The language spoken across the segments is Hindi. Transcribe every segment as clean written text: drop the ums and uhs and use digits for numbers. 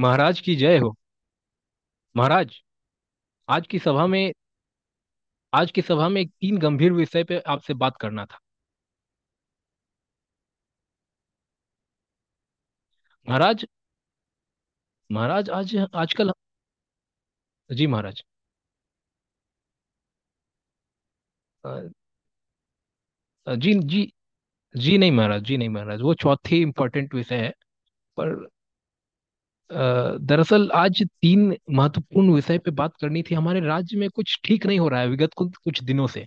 महाराज की जय हो। महाराज। आज की सभा में आज की सभा में एक तीन गंभीर विषय पे आपसे बात करना था। महाराज। महाराज आज। आजकल। जी महाराज। अ, जी जी। जी नहीं महाराज, जी नहीं महाराज, वो चौथी इम्पोर्टेंट विषय है। पर। दरअसल आज तीन महत्वपूर्ण विषय पे बात करनी थी। हमारे राज्य में कुछ ठीक नहीं हो रहा है विगत कुछ कुछ दिनों से।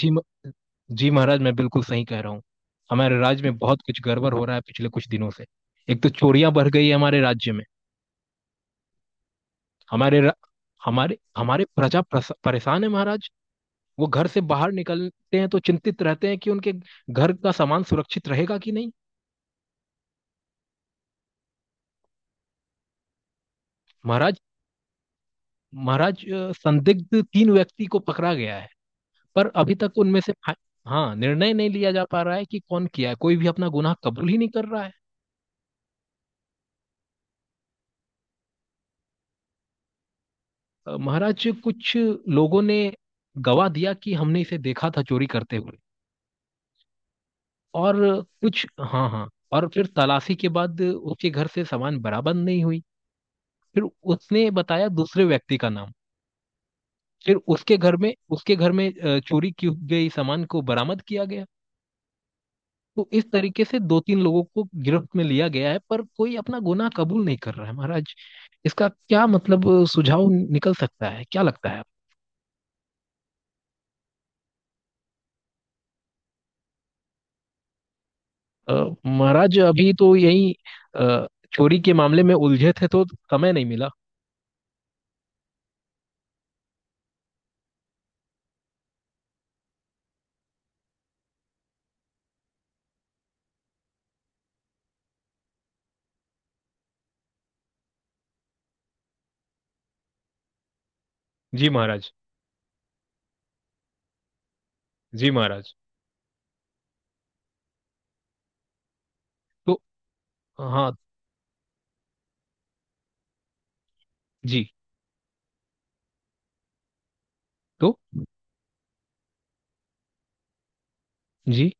जी जी महाराज, मैं बिल्कुल सही कह रहा हूँ। हमारे राज्य में बहुत कुछ गड़बड़ हो रहा है पिछले कुछ दिनों से। एक तो चोरियां बढ़ गई है हमारे राज्य में। हमारे र- हमारे हमारे प्रजा परेशान है महाराज। वो घर से बाहर निकलते हैं तो चिंतित रहते हैं कि उनके घर का सामान सुरक्षित रहेगा कि नहीं। महाराज। महाराज, संदिग्ध तीन व्यक्ति को पकड़ा गया है पर अभी तक उनमें से हाँ, निर्णय नहीं लिया जा पा रहा है कि कौन किया है। कोई भी अपना गुनाह कबूल ही नहीं कर रहा है। महाराज, कुछ लोगों ने गवाह दिया कि हमने इसे देखा था चोरी करते हुए। और कुछ। हाँ हाँ। और फिर तलाशी के बाद उसके घर से सामान बरामद नहीं हुई। फिर उसने बताया दूसरे व्यक्ति का नाम। फिर उसके घर में चोरी की गई सामान को बरामद किया गया। तो इस तरीके से दो तीन लोगों को गिरफ्त में लिया गया है पर कोई अपना गुनाह कबूल नहीं कर रहा है महाराज। इसका क्या मतलब, सुझाव निकल सकता है? क्या लगता है? अ, महाराज, अभी तो यही अ, चोरी के मामले में उलझे थे तो समय नहीं मिला। जी महाराज। जी महाराज। तो। हाँ। जी। तो। जी।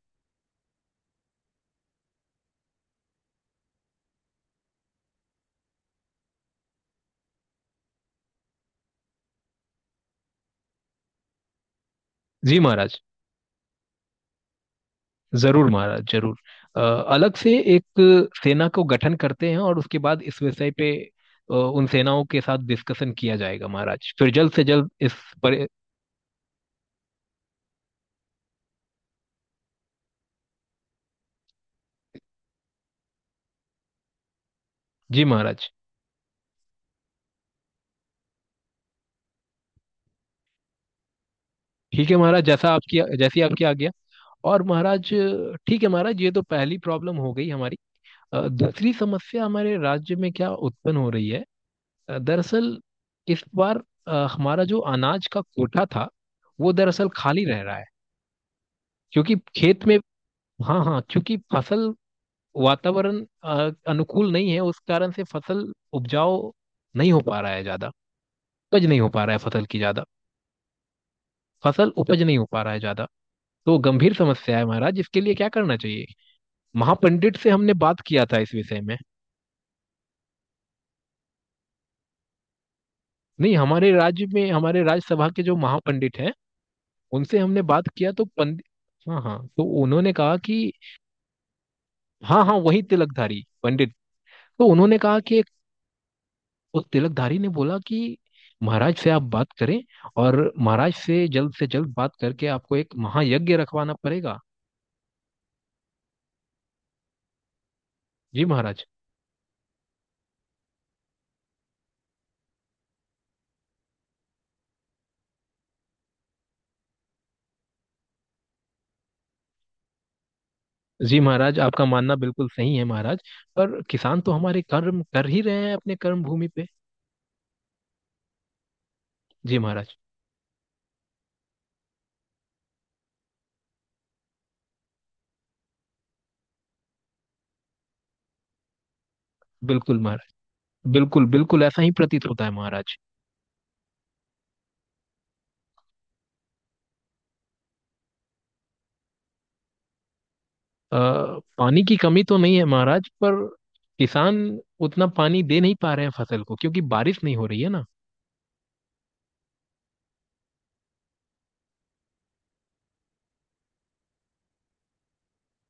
जी महाराज। जरूर महाराज जरूर। अलग से एक सेना को गठन करते हैं और उसके बाद इस विषय पे उन सेनाओं के साथ डिस्कशन किया जाएगा महाराज। फिर जल्द से जल्द इस। पर। जी महाराज। ठीक है महाराज, जैसा आपकी जैसी आपकी आज्ञा। और महाराज। ठीक है महाराज, ये तो पहली प्रॉब्लम हो गई हमारी। दूसरी समस्या हमारे राज्य में क्या उत्पन्न हो रही है। दरअसल। इस बार। हमारा जो अनाज का कोटा था, वो दरअसल खाली रह रहा है। क्योंकि खेत में। हाँ हाँ, क्योंकि फसल। वातावरण अनुकूल नहीं है उस कारण से फसल उपजाऊ नहीं हो पा रहा है ज्यादा। उपज नहीं हो पा रहा है फसल की ज्यादा। फसल उपज नहीं हो पा रहा है ज्यादा। तो गंभीर समस्या है महाराज, इसके लिए क्या करना चाहिए? महापंडित से हमने बात किया था इस विषय में। नहीं, हमारे राज्य में हमारे राज्यसभा के जो महापंडित हैं उनसे हमने बात किया तो पंड हाँ हाँ, तो उन्होंने कहा कि। हाँ हाँ, वही तिलकधारी पंडित। तो उन्होंने कहा कि। उस तिलकधारी ने बोला कि। महाराज से आप बात करें। और महाराज से जल्द बात करके आपको एक महायज्ञ रखवाना पड़ेगा। जी महाराज। जी महाराज, आपका मानना बिल्कुल सही है महाराज। पर किसान तो हमारे कर्म कर ही रहे हैं अपने कर्म भूमि पे। जी महाराज। बिल्कुल महाराज। बिल्कुल बिल्कुल ऐसा ही प्रतीत होता है महाराज। अ, पानी की कमी तो नहीं है महाराज, पर किसान उतना पानी दे नहीं पा रहे हैं फसल को क्योंकि बारिश नहीं हो रही है ना।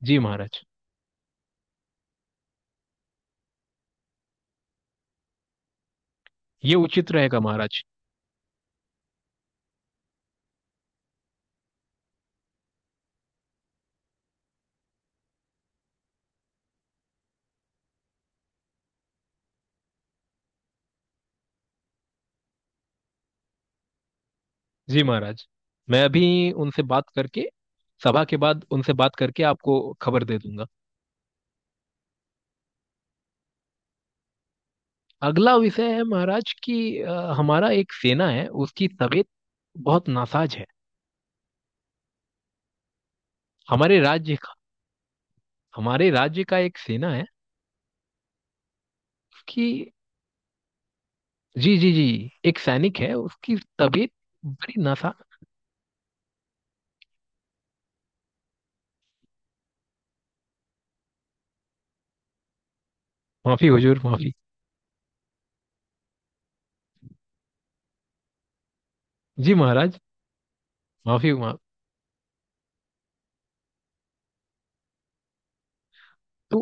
जी महाराज। ये उचित रहेगा महाराज। जी महाराज। मैं अभी उनसे बात करके सभा के बाद उनसे बात करके आपको खबर दे दूंगा। अगला विषय है महाराज कि अ, हमारा एक सेना है, उसकी तबीयत बहुत नासाज है। हमारे राज्य का। हमारे राज्य का एक सेना है। उसकी। जी जी जी एक सैनिक है उसकी तबीयत। बड़ी नासा माफी हुजूर माफी। जी महाराज। माफी माफ तो।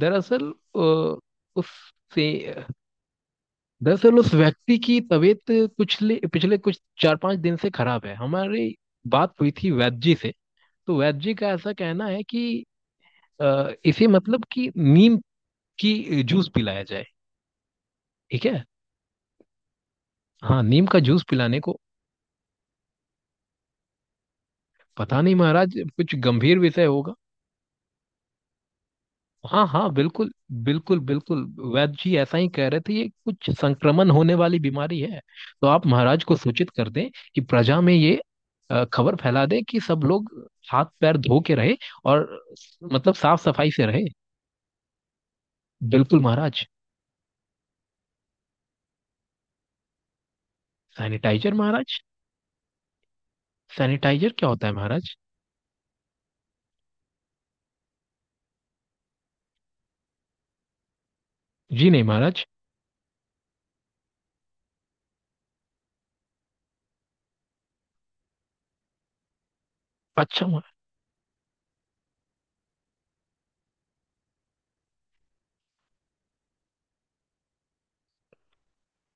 दरअसल। अ, उससे। दरअसल उस व्यक्ति की तबीयत पिछले पिछले कुछ चार पांच दिन से खराब है। हमारी बात हुई थी वैद्य जी से। तो वैद्य जी का ऐसा कहना है कि इसे मतलब कि नीम की जूस पिलाया जाए। ठीक है। हाँ, नीम का जूस पिलाने को। पता नहीं महाराज, कुछ गंभीर विषय होगा। हाँ हाँ, बिल्कुल। बिल्कुल बिल्कुल। वैद्य जी ऐसा ही कह रहे थे, ये कुछ संक्रमण होने वाली बीमारी है। तो आप महाराज को सूचित कर दें कि प्रजा में ये खबर फैला दें कि सब लोग हाथ पैर धो के रहे और मतलब साफ सफाई से रहे। बिल्कुल महाराज। सैनिटाइजर महाराज। सैनिटाइजर क्या होता है महाराज? जी नहीं महाराज। अच्छा महाराज।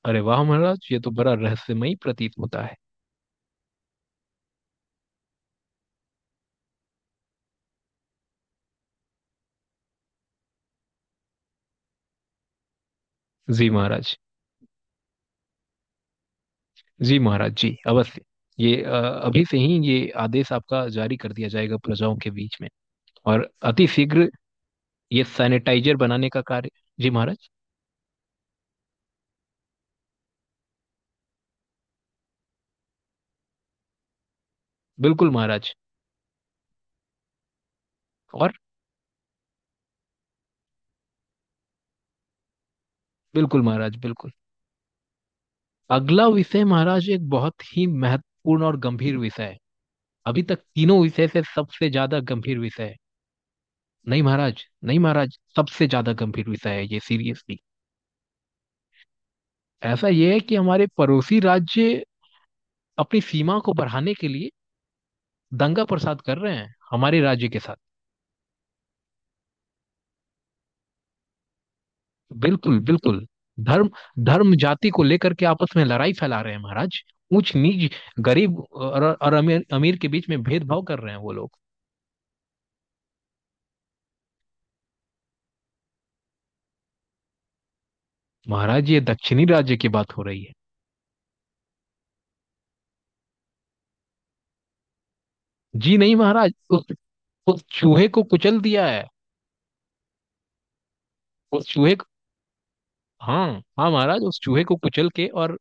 अरे वाह महाराज, ये तो बड़ा रहस्यमयी प्रतीत होता है। जी महाराज। जी महाराज जी, अवश्य। ये अभी से ही ये आदेश आपका जारी कर दिया जाएगा प्रजाओं के बीच में। और अति शीघ्र। ये सैनिटाइजर बनाने का कार्य। जी महाराज। बिल्कुल महाराज। और। बिल्कुल महाराज बिल्कुल। अगला विषय महाराज एक बहुत ही महत्वपूर्ण और गंभीर विषय है। अभी तक तीनों विषय से सबसे ज्यादा गंभीर विषय है। नहीं महाराज, नहीं महाराज, सबसे ज्यादा गंभीर विषय है ये सीरियसली। ऐसा ये है कि हमारे पड़ोसी राज्य अपनी सीमा को बढ़ाने के लिए दंगा प्रसाद कर रहे हैं हमारे राज्य के साथ। बिल्कुल बिल्कुल। धर्म। धर्म जाति को लेकर के आपस में लड़ाई फैला रहे हैं महाराज। ऊंच नीच। गरीब और अमीर अमीर के बीच में भेदभाव कर रहे हैं वो लोग। महाराज, ये दक्षिणी राज्य की बात हो रही है। जी नहीं महाराज, उस चूहे को कुचल दिया है। उस चूहे को। हाँ। हाँ महाराज, उस चूहे को कुचल के और।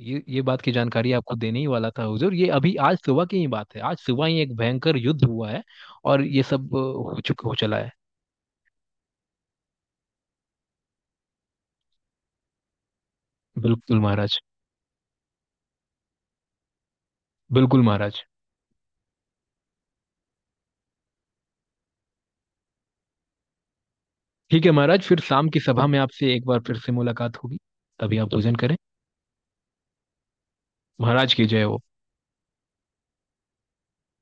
ये बात की जानकारी आपको देने ही वाला था हुजूर, ये अभी आज सुबह की ही बात है। आज सुबह ही एक भयंकर युद्ध हुआ है। और ये सब हो चुका हो चला है। बिल्कुल महाराज। बिल्कुल महाराज। ठीक है महाराज, फिर शाम की सभा में आपसे एक बार फिर से मुलाकात होगी। तभी आप भोजन करें। महाराज की जय हो।